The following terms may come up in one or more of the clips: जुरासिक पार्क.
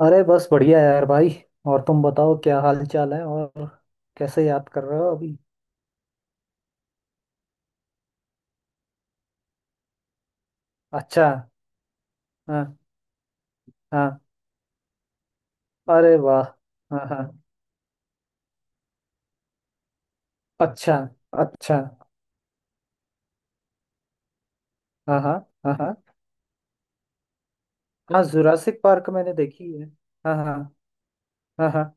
अरे बस बढ़िया यार भाई। और तुम बताओ, क्या हाल चाल है? और कैसे याद कर रहे हो अभी? अच्छा। हाँ हाँ। अरे वाह। हाँ हाँ। अच्छा। अच्छा। हाँ हाँ हाँ हाँ हाँ। जुरासिक पार्क मैंने देखी है। हाँ हाँ हाँ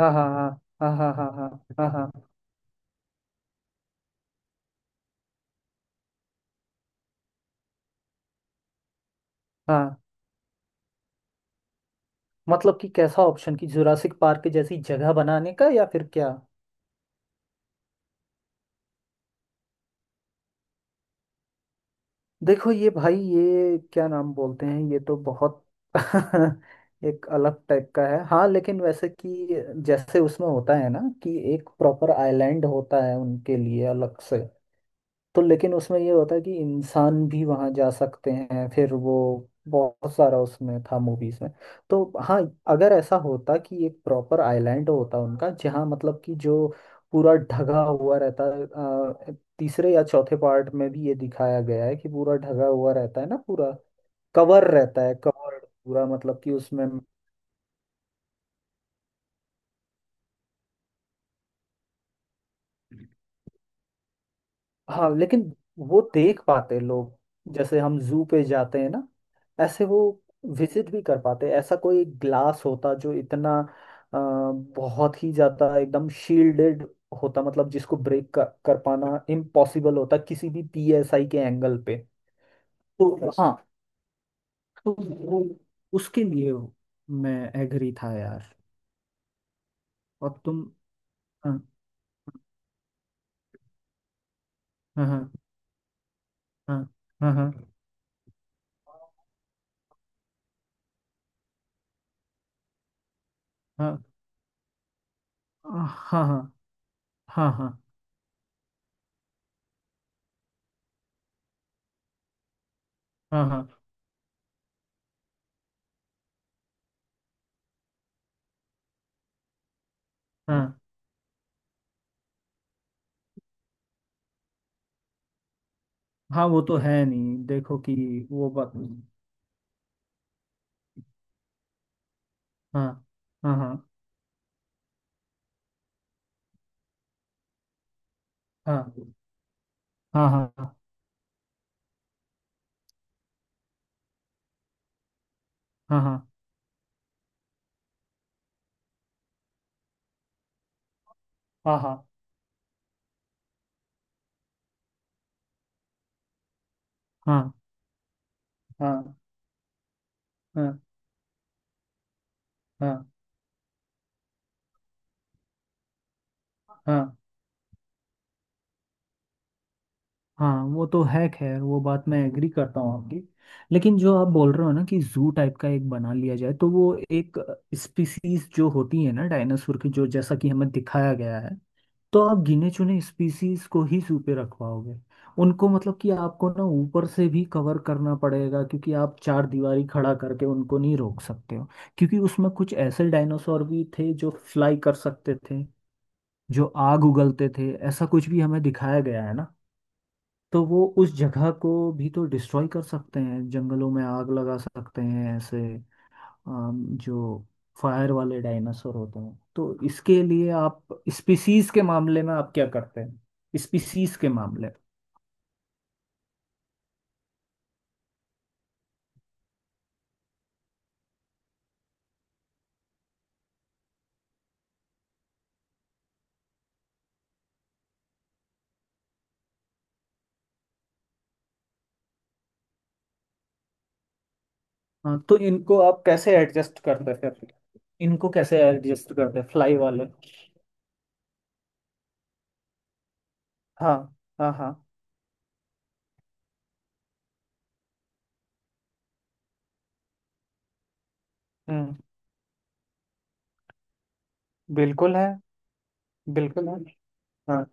हाँ हाँ हाँ हाँ हाँ। हाँ हाँ हाँ हाँ हाँ हाँ। मतलब कि कैसा ऑप्शन, कि जुरासिक पार्क जैसी जगह बनाने का या फिर क्या? देखो ये भाई, ये क्या नाम बोलते हैं, ये तो बहुत एक अलग टाइप का है। हाँ, लेकिन वैसे कि जैसे उसमें होता है ना, कि एक प्रॉपर आइलैंड होता है उनके लिए अलग से। तो लेकिन उसमें ये होता है कि इंसान भी वहां जा सकते हैं, फिर वो बहुत सारा उसमें था मूवीज में। तो हाँ, अगर ऐसा होता कि एक प्रॉपर आइलैंड होता उनका, जहाँ मतलब कि जो पूरा ढगा हुआ रहता है। तीसरे या चौथे पार्ट में भी ये दिखाया गया है कि पूरा ढगा हुआ रहता है ना, पूरा कवर रहता है, कवर। पूरा मतलब कि उसमें हाँ, लेकिन वो देख पाते हैं लोग, जैसे हम जू पे जाते हैं ना, ऐसे वो विजिट भी कर पाते हैं। ऐसा कोई ग्लास होता जो इतना अ, बहुत ही ज्यादा एकदम शील्डेड होता, मतलब जिसको ब्रेक कर पाना इम्पॉसिबल होता किसी भी पीएसआई के एंगल पे। तो हाँ, तो वो उसके लिए मैं एग्री था यार। और तुम? हाँ हाँ हाँ हाँ हाँ हाँ हाँ हाँ। हाँ हाँ हाँ हाँ हाँ हाँ। वो तो है नहीं, देखो कि वो बात हाँ हाँ हाँ हाँ हाँ हाँ हाँ हाँ। हाँ हाँ हाँ हाँ हाँ हाँ हाँ हाँ। वो तो है, खैर वो बात मैं एग्री करता हूँ आपकी। लेकिन जो आप बोल रहे हो ना, कि जू टाइप का एक बना लिया जाए, तो वो एक स्पीसीज जो होती है ना डायनासोर की, जो जैसा कि हमें दिखाया गया है, तो आप गिने चुने स्पीसीज को ही जू पे रखवाओगे। उनको मतलब कि आपको ना ऊपर से भी कवर करना पड़ेगा, क्योंकि आप चार दीवारी खड़ा करके उनको नहीं रोक सकते हो। क्योंकि उसमें कुछ ऐसे डायनासोर भी थे जो फ्लाई कर सकते थे, जो आग उगलते थे, ऐसा कुछ भी हमें दिखाया गया है ना। तो वो उस जगह को भी तो डिस्ट्रॉय कर सकते हैं, जंगलों में आग लगा सकते हैं ऐसे। जो फायर वाले डायनासोर होते हैं, तो इसके लिए आप स्पीसीज के मामले में आप क्या करते हैं, स्पीसीज के मामले में? हाँ, तो इनको आप कैसे एडजस्ट करते हैं फिर, इनको कैसे एडजस्ट करते हैं फ्लाई वाले? हाँ हाँ हाँ। हम्म। बिल्कुल है। बिल्कुल है। हाँ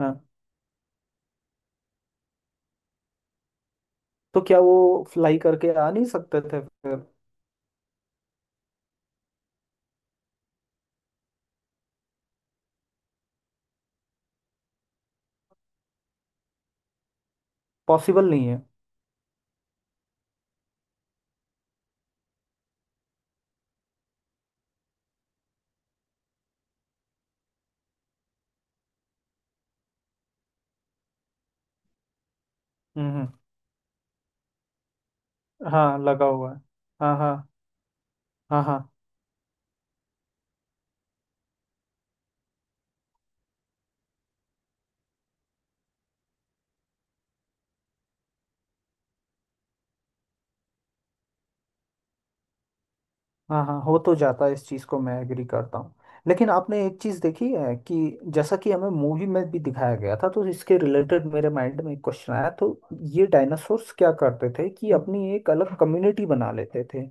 हाँ। तो क्या वो फ्लाई करके आ नहीं सकते थे फिर? पॉसिबल नहीं है। हम्म हम्म, हाँ लगा हुआ है। हाँ हाँ हाँ हाँ हाँ हाँ। हो तो जाता है, इस चीज़ को मैं एग्री करता हूँ। लेकिन आपने एक चीज़ देखी है कि जैसा कि हमें मूवी में भी दिखाया गया था, तो इसके रिलेटेड मेरे माइंड में एक क्वेश्चन आया, तो ये डायनासोर्स क्या करते थे कि अपनी एक अलग कम्युनिटी बना लेते थे,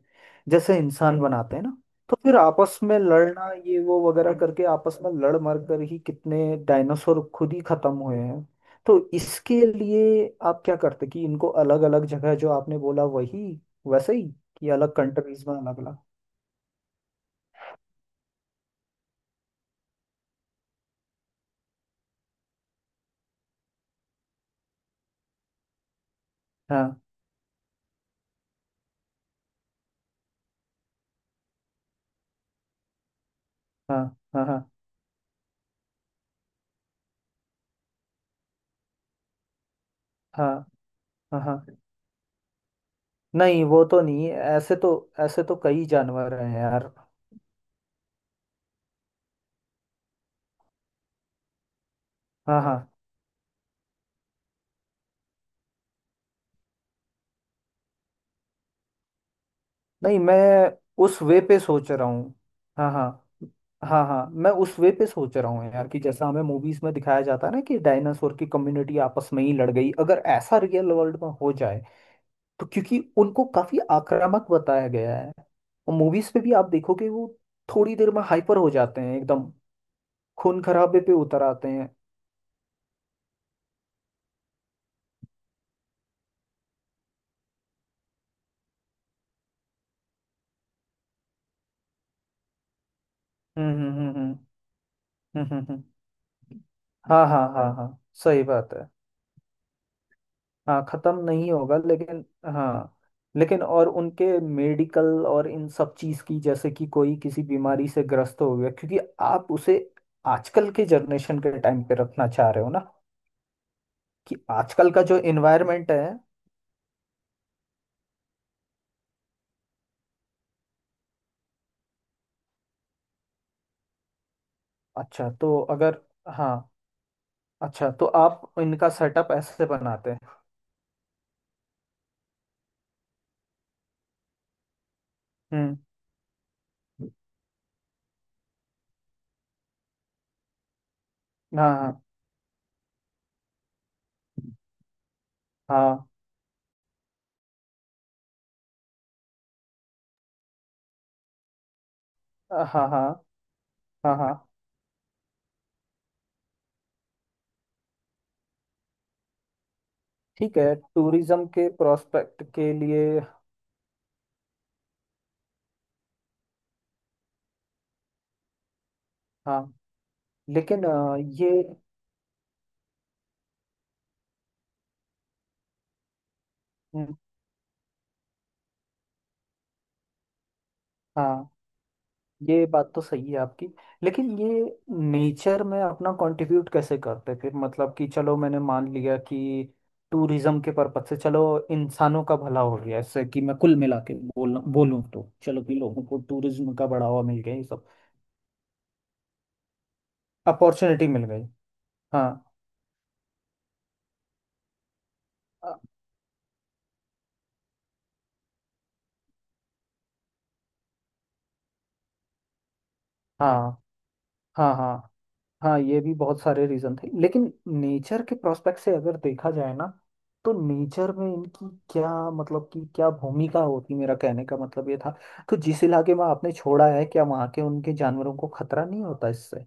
जैसे इंसान बनाते हैं ना। तो फिर आपस में लड़ना, ये वो वगैरह करके आपस में लड़ मर कर ही कितने डायनासोर खुद ही खत्म हुए हैं। तो इसके लिए आप क्या करते कि इनको अलग अलग जगह, जो आपने बोला वही वैसे ही, कि अलग कंट्रीज में अलग अलग। हाँ हाँ हाँ हाँ हाँ हाँ हाँ। नहीं, वो तो नहीं ऐसे तो, ऐसे तो कई जानवर हैं यार। हाँ हाँ। नहीं, मैं उस वे पे सोच रहा हूँ। हाँ हाँ हाँ हाँ, मैं उस वे पे सोच रहा हूँ यार, कि जैसा हमें मूवीज में दिखाया जाता है ना, कि डायनासोर की कम्युनिटी आपस में ही लड़ गई, अगर ऐसा रियल वर्ल्ड में हो जाए तो, क्योंकि उनको काफी आक्रामक बताया गया है, और मूवीज पे भी आप देखोगे वो थोड़ी देर में हाइपर हो जाते हैं एकदम, खून खराबे पे उतर आते हैं। हम्म हम्म हम्म हम्म। हम्म हम्म हम्म। हाँ हाँ हाँ हाँ। सही बात है। हाँ, खत्म नहीं होगा लेकिन। हाँ, लेकिन और उनके मेडिकल और इन सब चीज की, जैसे कि कोई किसी बीमारी से ग्रस्त हो गया, क्योंकि आप उसे आजकल के जनरेशन के टाइम पे रखना चाह रहे हो ना, कि आजकल का जो इन्वायरमेंट है। अच्छा, तो अगर हाँ, अच्छा तो आप इनका सेटअप ऐसे बनाते हैं। हम्म। हाँ हाँ हाँ हाँ हाँ हाँ हाँ। ठीक है, टूरिज्म के प्रोस्पेक्ट के लिए। हाँ, लेकिन ये हम्म, हाँ ये बात तो सही है आपकी। लेकिन ये नेचर में अपना कंट्रीब्यूट कैसे करते फिर, मतलब कि चलो, मैंने मान लिया कि टूरिज्म के पर्पज से, चलो इंसानों का भला हो गया इससे, कि मैं कुल मिला के बोलूँ तो चलो कि लोगों को टूरिज्म का बढ़ावा मिल गया, ये सब अपॉर्चुनिटी मिल गई। हाँ अ, हाँ हाँ हाँ हाँ। ये भी बहुत सारे रीजन थे, लेकिन नेचर के प्रोस्पेक्ट से अगर देखा जाए ना, तो नेचर में इनकी क्या, मतलब कि क्या भूमिका होती, मेरा कहने का मतलब ये था। तो जिस इलाके में आपने छोड़ा है, क्या वहाँ के उनके जानवरों को खतरा नहीं होता इससे?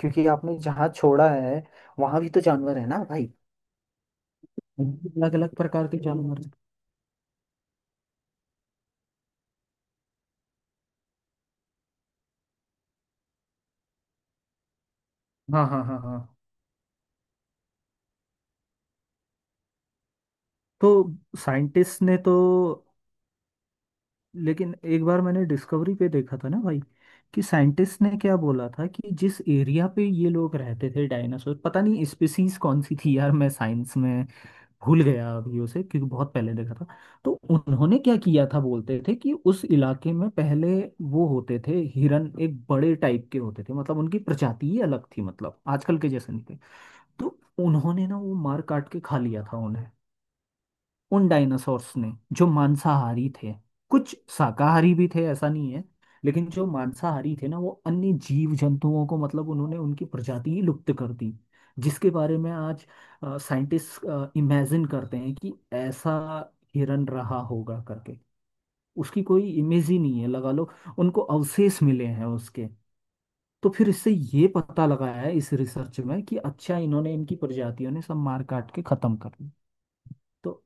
क्योंकि आपने जहाँ छोड़ा है, वहाँ भी तो जानवर है ना भाई, अलग अलग प्रकार के जानवर हैं। हाँ हाँ हाँ हाँ। तो साइंटिस्ट ने तो, लेकिन एक बार मैंने डिस्कवरी पे देखा था ना भाई, कि साइंटिस्ट ने क्या बोला था, कि जिस एरिया पे ये लोग रहते थे डायनासोर, पता नहीं स्पीसीज कौन सी थी यार, मैं साइंस में भूल गया अभी उसे क्योंकि बहुत पहले देखा था। तो उन्होंने क्या किया था, बोलते थे कि उस इलाके में पहले वो होते थे हिरन, एक बड़े टाइप के होते थे, मतलब उनकी प्रजाति ही अलग थी, मतलब आजकल के जैसे नहीं थे। तो उन्होंने ना वो मार काट के खा लिया था उन्हें, उन डायनासोर्स ने जो मांसाहारी थे, कुछ शाकाहारी भी थे ऐसा नहीं है, लेकिन जो मांसाहारी थे ना, वो अन्य जीव जंतुओं को मतलब उन्होंने उनकी प्रजाति ही लुप्त कर दी, जिसके बारे में आज साइंटिस्ट इमेजिन करते हैं कि ऐसा हिरन रहा होगा करके, उसकी कोई इमेज ही नहीं है लगा लो, उनको अवशेष मिले हैं उसके। तो फिर इससे ये पता लगाया है इस रिसर्च में कि अच्छा इन्होंने, इनकी प्रजातियों ने सब मार काट के खत्म कर दी। तो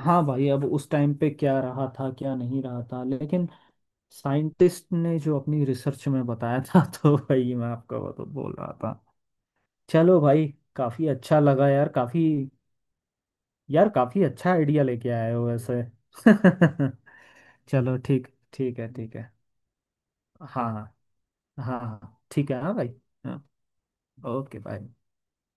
हाँ भाई, अब उस टाइम पे क्या रहा था क्या नहीं रहा था, लेकिन साइंटिस्ट ने जो अपनी रिसर्च में बताया था तो भाई मैं आपको वो तो बोल रहा था। चलो भाई, काफी अच्छा लगा यार, काफी। यार काफी अच्छा आइडिया लेके आए हो वैसे। चलो ठीक। ठीक है। ठीक है। हाँ हाँ हाँ ठीक है हाँ भाई। हाँ ओके बाय।